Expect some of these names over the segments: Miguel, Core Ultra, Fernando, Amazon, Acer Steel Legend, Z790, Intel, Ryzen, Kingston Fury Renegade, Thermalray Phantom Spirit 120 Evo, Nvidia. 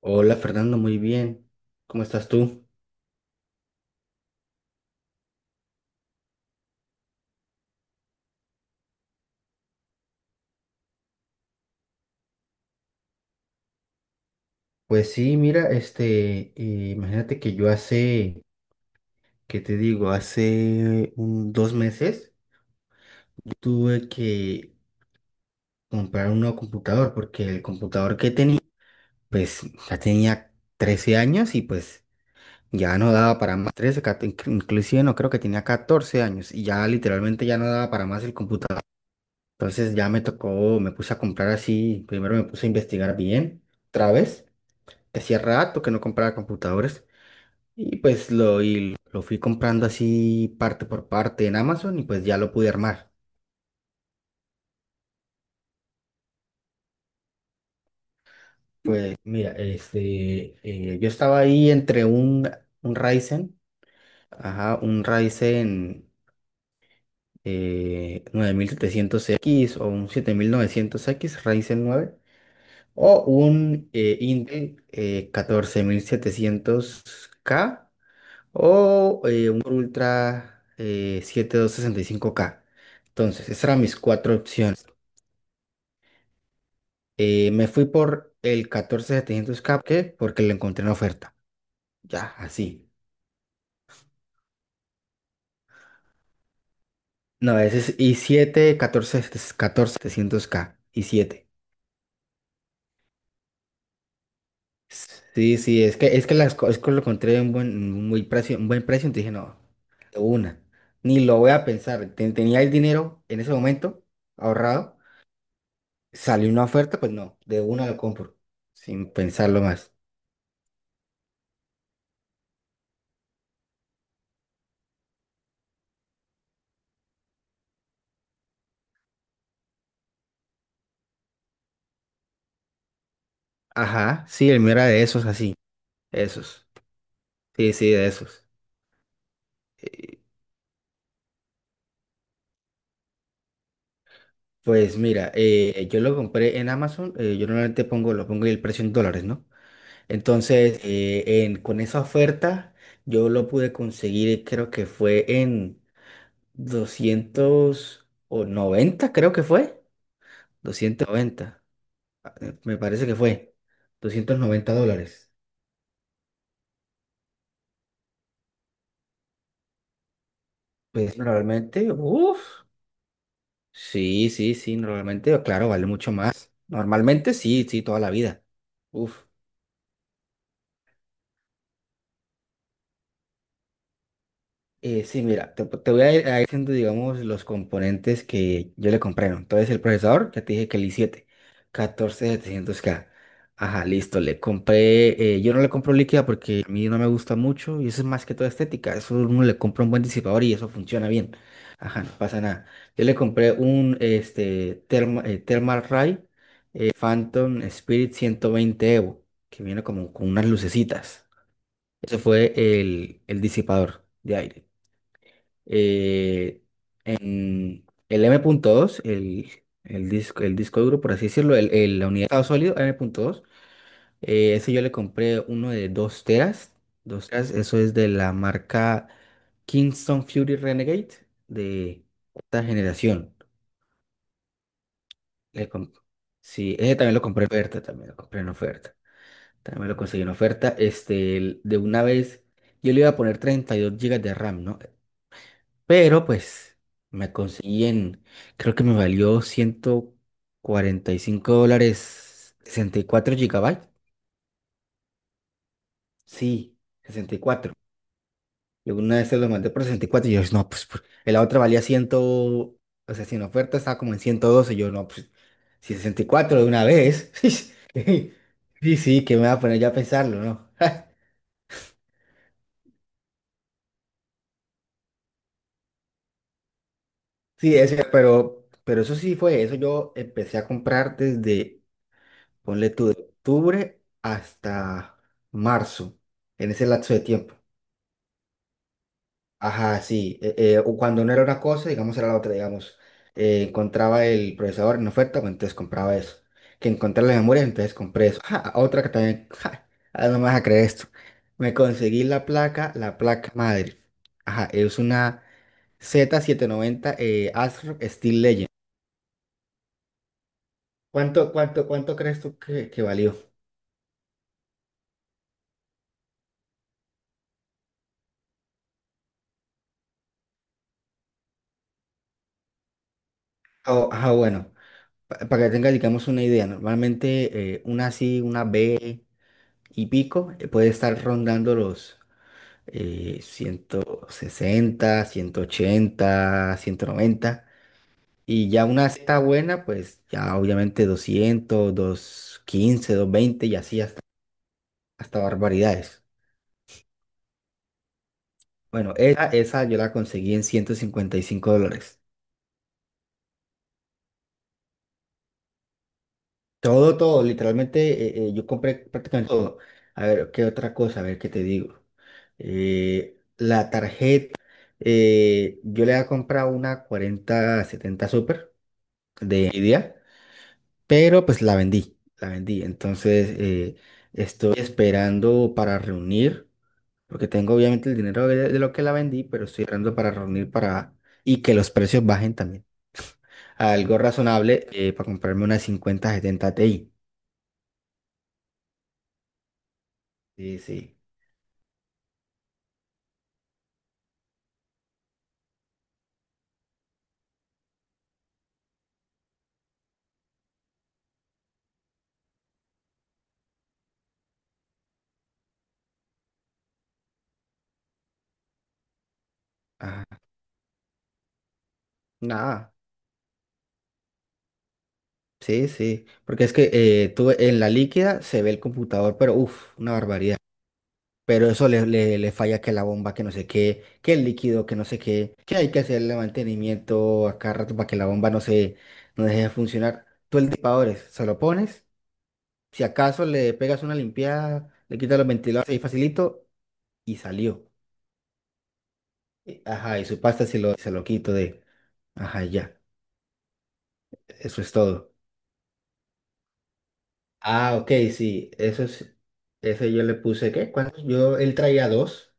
Hola Fernando, muy bien. ¿Cómo estás tú? Pues sí, mira, este, imagínate que yo hace, ¿qué te digo? Hace un, dos meses tuve que comprar un nuevo computador porque el computador que tenía, pues ya tenía 13 años y pues ya no daba para más. Trece, inclusive no creo que tenía 14 años y ya literalmente ya no daba para más el computador. Entonces ya me tocó, me puse a comprar así, primero me puse a investigar bien, otra vez. Hacía rato que no compraba computadores y pues y lo fui comprando así parte por parte en Amazon y pues ya lo pude armar. Mira, este, yo estaba ahí entre un Ryzen, ajá, un Ryzen 9700x o un 7900x Ryzen 9 o un Intel 14700K o un Core Ultra 7265K. Entonces, esas eran mis cuatro opciones. Me fui por el 14700K, ¿qué? Porque lo encontré en oferta. Ya, así. No, ese es i7, 14, 14700K, i siete. Sí, sí, es que es que lo encontré en buen, en un buen precio, entonces dije, no, de una. Ni lo voy a pensar. Tenía el dinero en ese momento ahorrado. Sale una oferta, pues no, de una lo compro, sin pensarlo más. Ajá, sí, el mío era de esos así, esos. Sí, sí, de esos. Eh, Pues mira, yo lo compré en Amazon, yo normalmente pongo, lo pongo el precio en dólares, ¿no? Entonces, con esa oferta, yo lo pude conseguir, creo que fue en 290 creo que fue. 290, me parece que fue. $290. Pues normalmente, uff. Sí, sí, sí, normalmente, claro, vale mucho más. Normalmente sí, sí, toda la vida. Uf. Sí, mira, te voy a ir diciendo, digamos, los componentes que yo le compré, ¿no? Entonces, el procesador, ya te dije que el i7, 14700K. Ajá, listo, le compré, yo no le compro líquida porque a mí no me gusta mucho y eso es más que todo estética. Eso uno le compra un buen disipador y eso funciona bien. Ajá, no pasa nada. Yo le compré un, este, Thermalray Phantom Spirit 120 Evo, que viene como con unas lucecitas. Ese fue el disipador de aire. Eh, en el M.2, el disco duro, por así decirlo, la unidad de estado sólido M.2, ese yo le compré uno de 2 teras. 2 teras, eso es de la marca Kingston Fury Renegade de esta generación. Le comp- sí, ese también lo compré en oferta, también lo compré en oferta. También me lo conseguí en oferta. Este, de una vez, yo le iba a poner 32 gigas de RAM, ¿no? Pero pues me conseguí en, creo que me valió $145, 64 gigabytes. Sí, 64. Yo una vez se lo mandé por 64 y yo, no, pues, la otra valía 100, o sea, sin oferta estaba como en 112. Yo, no, pues, si 64 de una vez. Sí, sí, que me va a poner ya a pensarlo, ¿no? Sí, es cierto, pero eso sí fue eso. Yo empecé a comprar desde, ponle tú, de octubre hasta marzo, en ese lapso de tiempo. Ajá, sí. O cuando no era una cosa, digamos, era la otra, digamos. Encontraba el procesador en oferta, pues entonces compraba eso. Que encontré la memoria, entonces compré eso. Ja, otra que también, ja, ah, no me vas a creer esto. Me conseguí la placa madre. Ajá, es una Z790 Acer Steel Legend. ¿Cuánto, cuánto, cuánto crees tú que valió? Ah, ah, bueno, para que tengas, digamos, una idea, normalmente una sí, una B y pico puede estar rondando los 160, 180, 190 y ya una está buena, pues ya obviamente 200, 215, 215, 20 y así hasta, hasta barbaridades. Bueno, esa yo la conseguí en $155. Todo, todo, literalmente yo compré prácticamente todo. A ver, ¿qué otra cosa? A ver, ¿qué te digo? La tarjeta, yo le había comprado una 4070 Super de Nvidia, pero pues la vendí, la vendí. Entonces estoy esperando para reunir, porque tengo obviamente el dinero de lo que la vendí, pero estoy esperando para reunir para y que los precios bajen también. Algo razonable para comprarme una 5070 Ti. Sí, sí. Nada, sí, sí, porque es que tú en la líquida se ve el computador, pero uff, una barbaridad. Pero eso le falla que la bomba, que no sé qué, que el líquido, que no sé qué, que hay que hacerle mantenimiento a cada rato para que la bomba no se no deje de funcionar. Tú el disipador se lo pones, si acaso le pegas una limpiada, le quitas los ventiladores ahí facilito y salió. Ajá, y su pasta se lo quito de, ajá, ya, eso es todo. Ah, ok, sí, eso es, ese yo le puse, ¿qué? ¿Cuántos? Yo,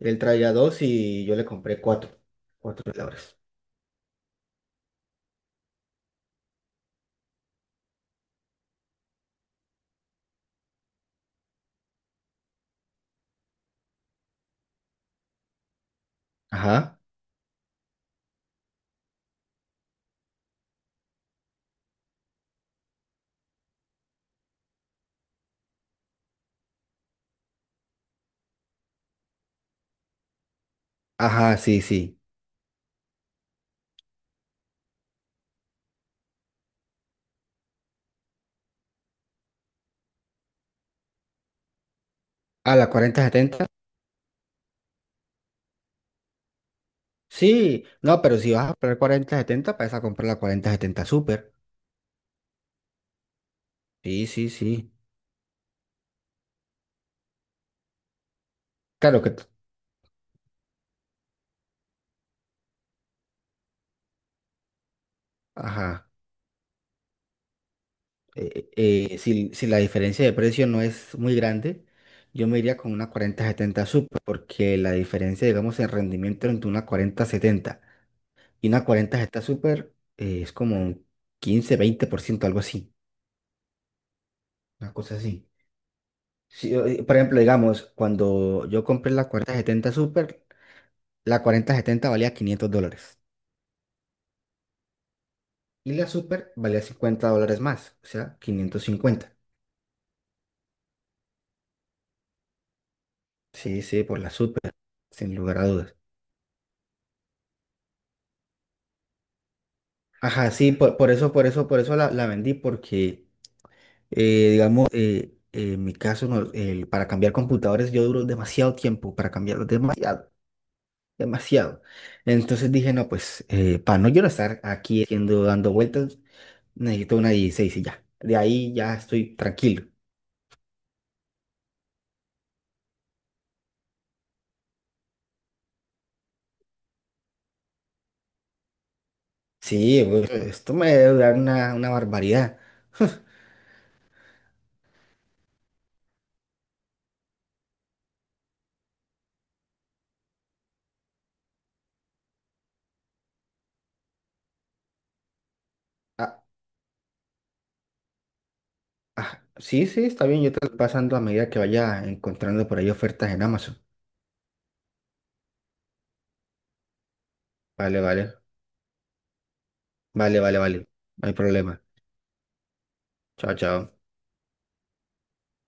él traía dos y yo le compré cuatro, cuatro veladores. Ajá, ajá, sí, sí. ¿A la 4070? Sí, no, pero si vas a comprar 4070, vas a comprar la 4070 Super. Sí, sí, sí. Claro que, t- ajá, si, si la diferencia de precio no es muy grande, yo me iría con una 4070 Super, porque la diferencia, digamos, en rendimiento entre una 4070 y una 40 está súper, es como un 15, 20% algo así, una cosa así. Si, por ejemplo, digamos, cuando yo compré la 4070 Super, la cuarenta setenta valía $500 y la Super valía $50 más, o sea, 550. Sí, sí, por la Super, sin lugar a dudas. Ajá, sí, por eso, por eso, por eso la, la vendí, porque, digamos, en mi caso, no, para cambiar computadores yo duro demasiado tiempo, para cambiarlos demasiado demasiado. Entonces dije, no, pues para no yo no estar aquí haciendo, dando vueltas, necesito una 16 y ya. De ahí ya estoy tranquilo. Sí, pues, esto me debe durar una barbaridad. Ah, ah, sí, sí, está bien, yo te lo voy pasando a medida que vaya encontrando por ahí ofertas en Amazon. Vale, vale, vale, vale, vale. No hay problema. Chao, chao.